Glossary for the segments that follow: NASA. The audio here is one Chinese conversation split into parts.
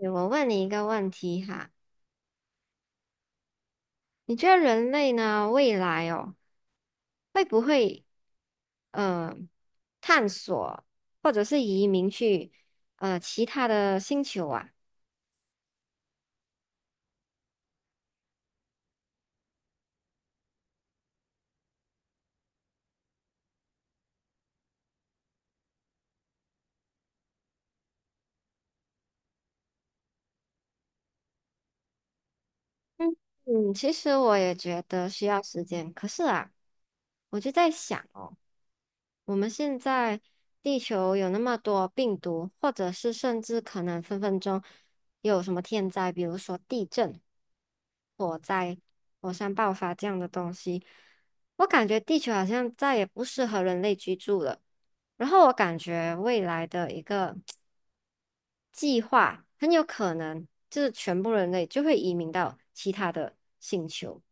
对，我问你一个问题哈。你觉得人类呢，未来哦，会不会呃探索或者是移民去其他的星球啊？嗯，其实我也觉得需要时间，可是啊，我就在想哦。我们现在地球有那么多病毒，或者是甚至可能分分钟有什么天灾，比如说地震、火灾、火山爆发这样的东西，我感觉地球好像再也不适合人类居住了。然后我感觉未来的一个计划，很有可能就是全部人类就会移民到其他的星球。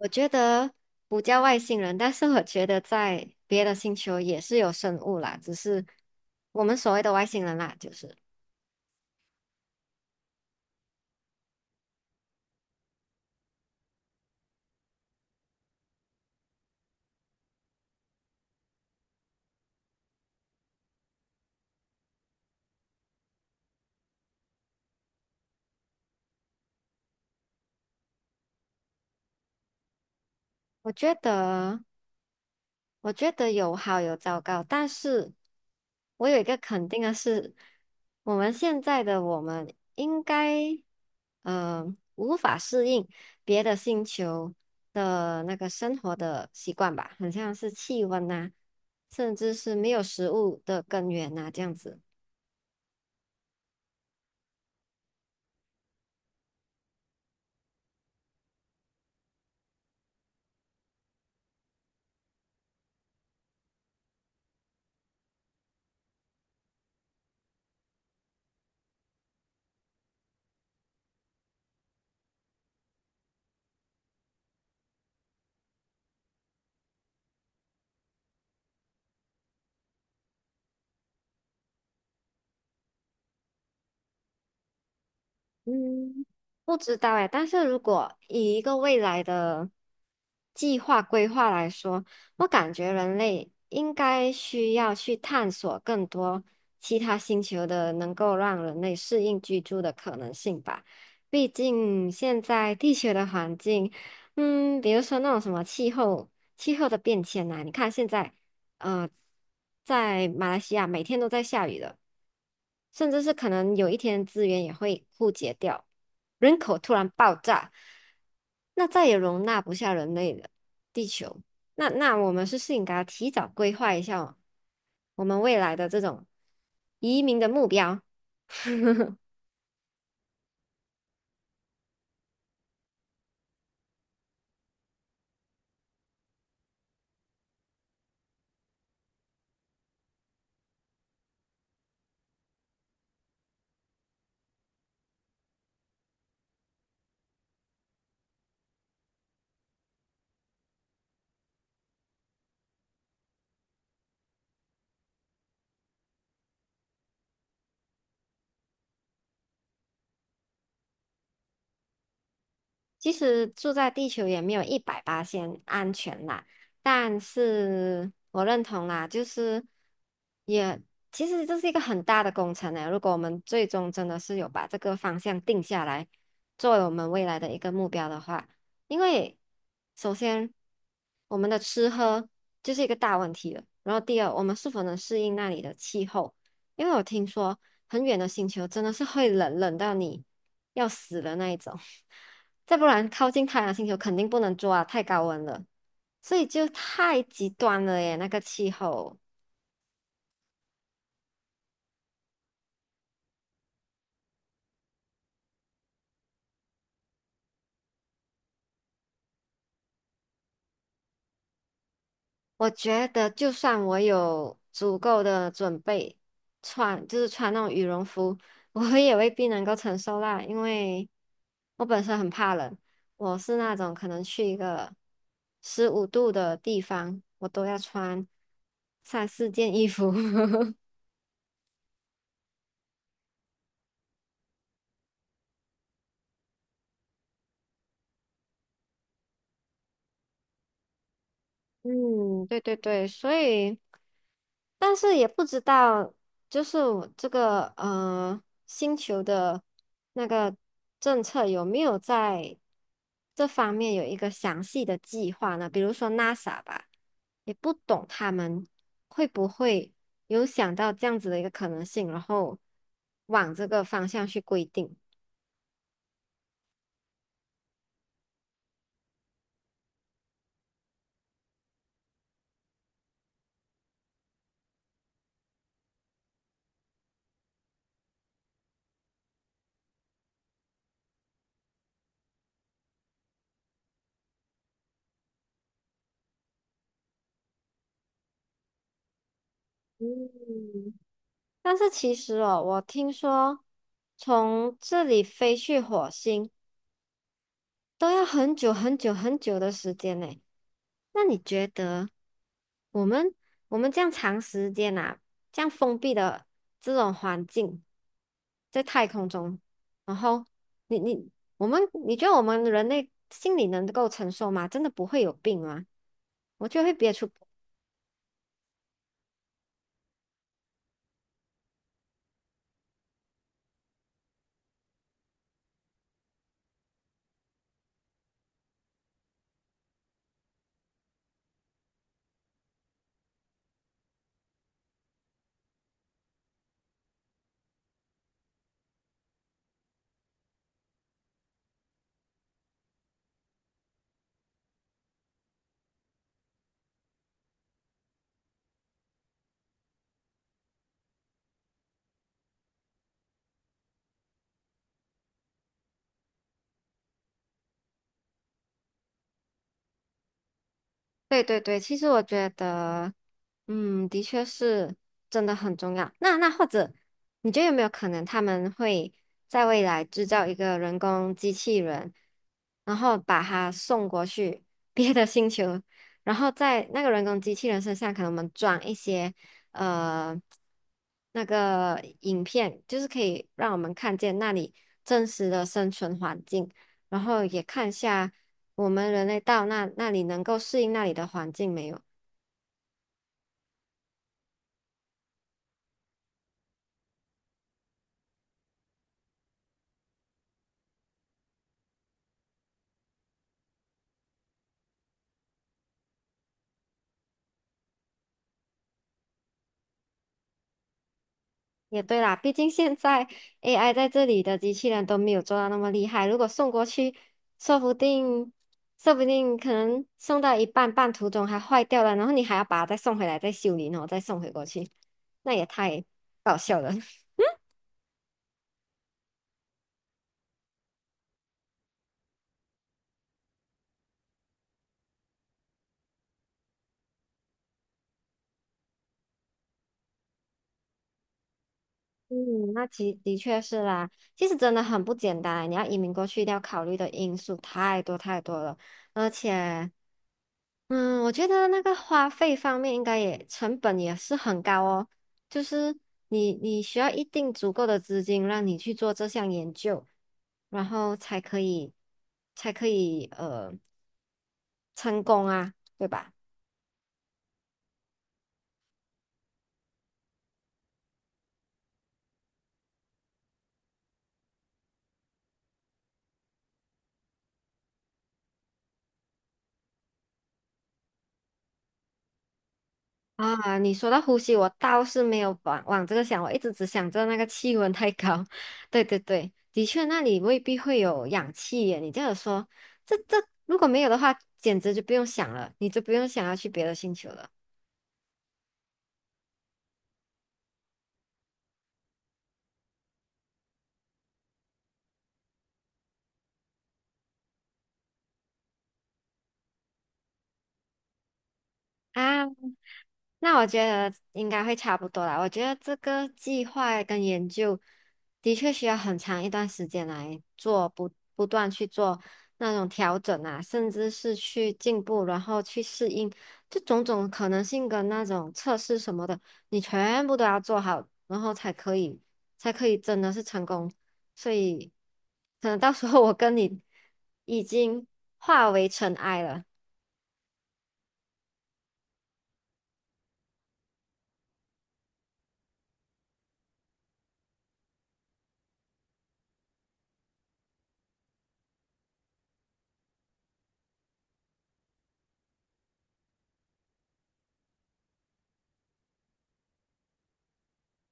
我觉得不叫外星人，但是我觉得在别的星球也是有生物啦，只是我们所谓的外星人啦，就是我觉得，我觉得，有好有糟糕，但是我有一个肯定的是，我们现在的我们应该，呃，无法适应别的星球的那个生活的习惯吧，很像是气温呐、甚至是没有食物的根源呐、这样子。嗯，不知道哎，但是如果以一个未来的计划规划来说，我感觉人类应该需要去探索更多其他星球的能够让人类适应居住的可能性吧。毕竟现在地球的环境，嗯，比如说那种什么气候、气候的变迁呐、你看现在，呃，在马来西亚每天都在下雨的。甚至是可能有一天资源也会枯竭掉，人口突然爆炸，那再也容纳不下人类的地球。那我们是不是应该提早规划一下我们未来的这种移民的目标？其实住在地球也没有一百八先安全啦，但是我认同啦，就是也其实这是一个很大的工程呢。如果我们最终真的是有把这个方向定下来，作为我们未来的一个目标的话，因为首先我们的吃喝就是一个大问题了，然后第二，我们是否能适应那里的气候？因为我听说很远的星球真的是会冷到你要死的那一种，再不然靠近太阳星球肯定不能做啊，太高温了，所以就太极端了耶，那个气候。我觉得，就算我有足够的准备，穿就是穿那种羽绒服，我也未必能够承受啦。因为我本身很怕冷，我是那种可能去一个十五度的地方，我都要穿三四件衣服。嗯，对对对，所以，但是也不知道，就是我这个星球的那个政策有没有在这方面有一个详细的计划呢？比如说 NASA 吧，也不懂他们会不会有想到这样子的一个可能性，然后往这个方向去规定。但是其实哦，我听说从这里飞去火星。都要很久很久很久的时间呢。那你觉得我们我们这样长时间啊，这样封闭的这种环境，在太空中，然后你你我们你觉得我们人类心里能够承受吗？真的不会有病吗？我就会憋出对对对，其实我觉得，嗯，的确是真的很重要。那或者，你觉得有没有可能他们会在未来制造一个人工机器人，然后把它送过去 别的星球，然后在那个人工机器人身上，可能我们装一些呃那个影片，就是可以让我们看见那里真实的生存环境，然后也看一下。我们人类到那里能够适应那里的环境没有？也对啦，毕竟现在 AI 在这里的机器人都没有做到那么厉害，如果送过去，说不定说不定可能送到一半，半途中还坏掉了，然后你还要把它再送回来，再修理，然后再送回过去，那也太搞笑了。嗯，那其的确是啦，其实真的很不简单。你要移民过去，一定要考虑的因素太多太多了，而且，嗯，我觉得那个花费方面应该也成本也是很高哦。就是你需要一定足够的资金，让你去做这项研究，然后才可以成功啊，对吧？啊，你说到呼吸，我倒是没有往这个想，我一直只想着那个气温太高。对对对，的确那里未必会有氧气耶。你这样说，这这如果没有的话，简直就不用想了，你就不用想要去别的星球了啊。那我觉得应该会差不多啦。我觉得这个计划跟研究的确需要很长一段时间来做，不断去做那种调整啊，甚至是去进步，然后去适应，这种种可能性跟那种测试什么的，你全部都要做好，然后才可以真的是成功。所以，可能到时候我跟你已经化为尘埃了。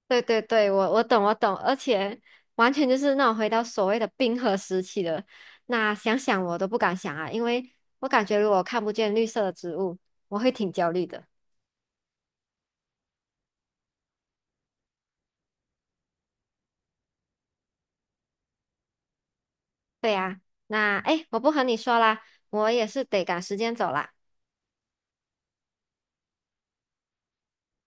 对对对，我懂我懂，而且完全就是那种回到所谓的冰河时期的，那想想我都不敢想啊，因为我感觉如果看不见绿色的植物，我会挺焦虑的。对呀，那哎诶，我不和你说啦，我也是得赶时间走啦。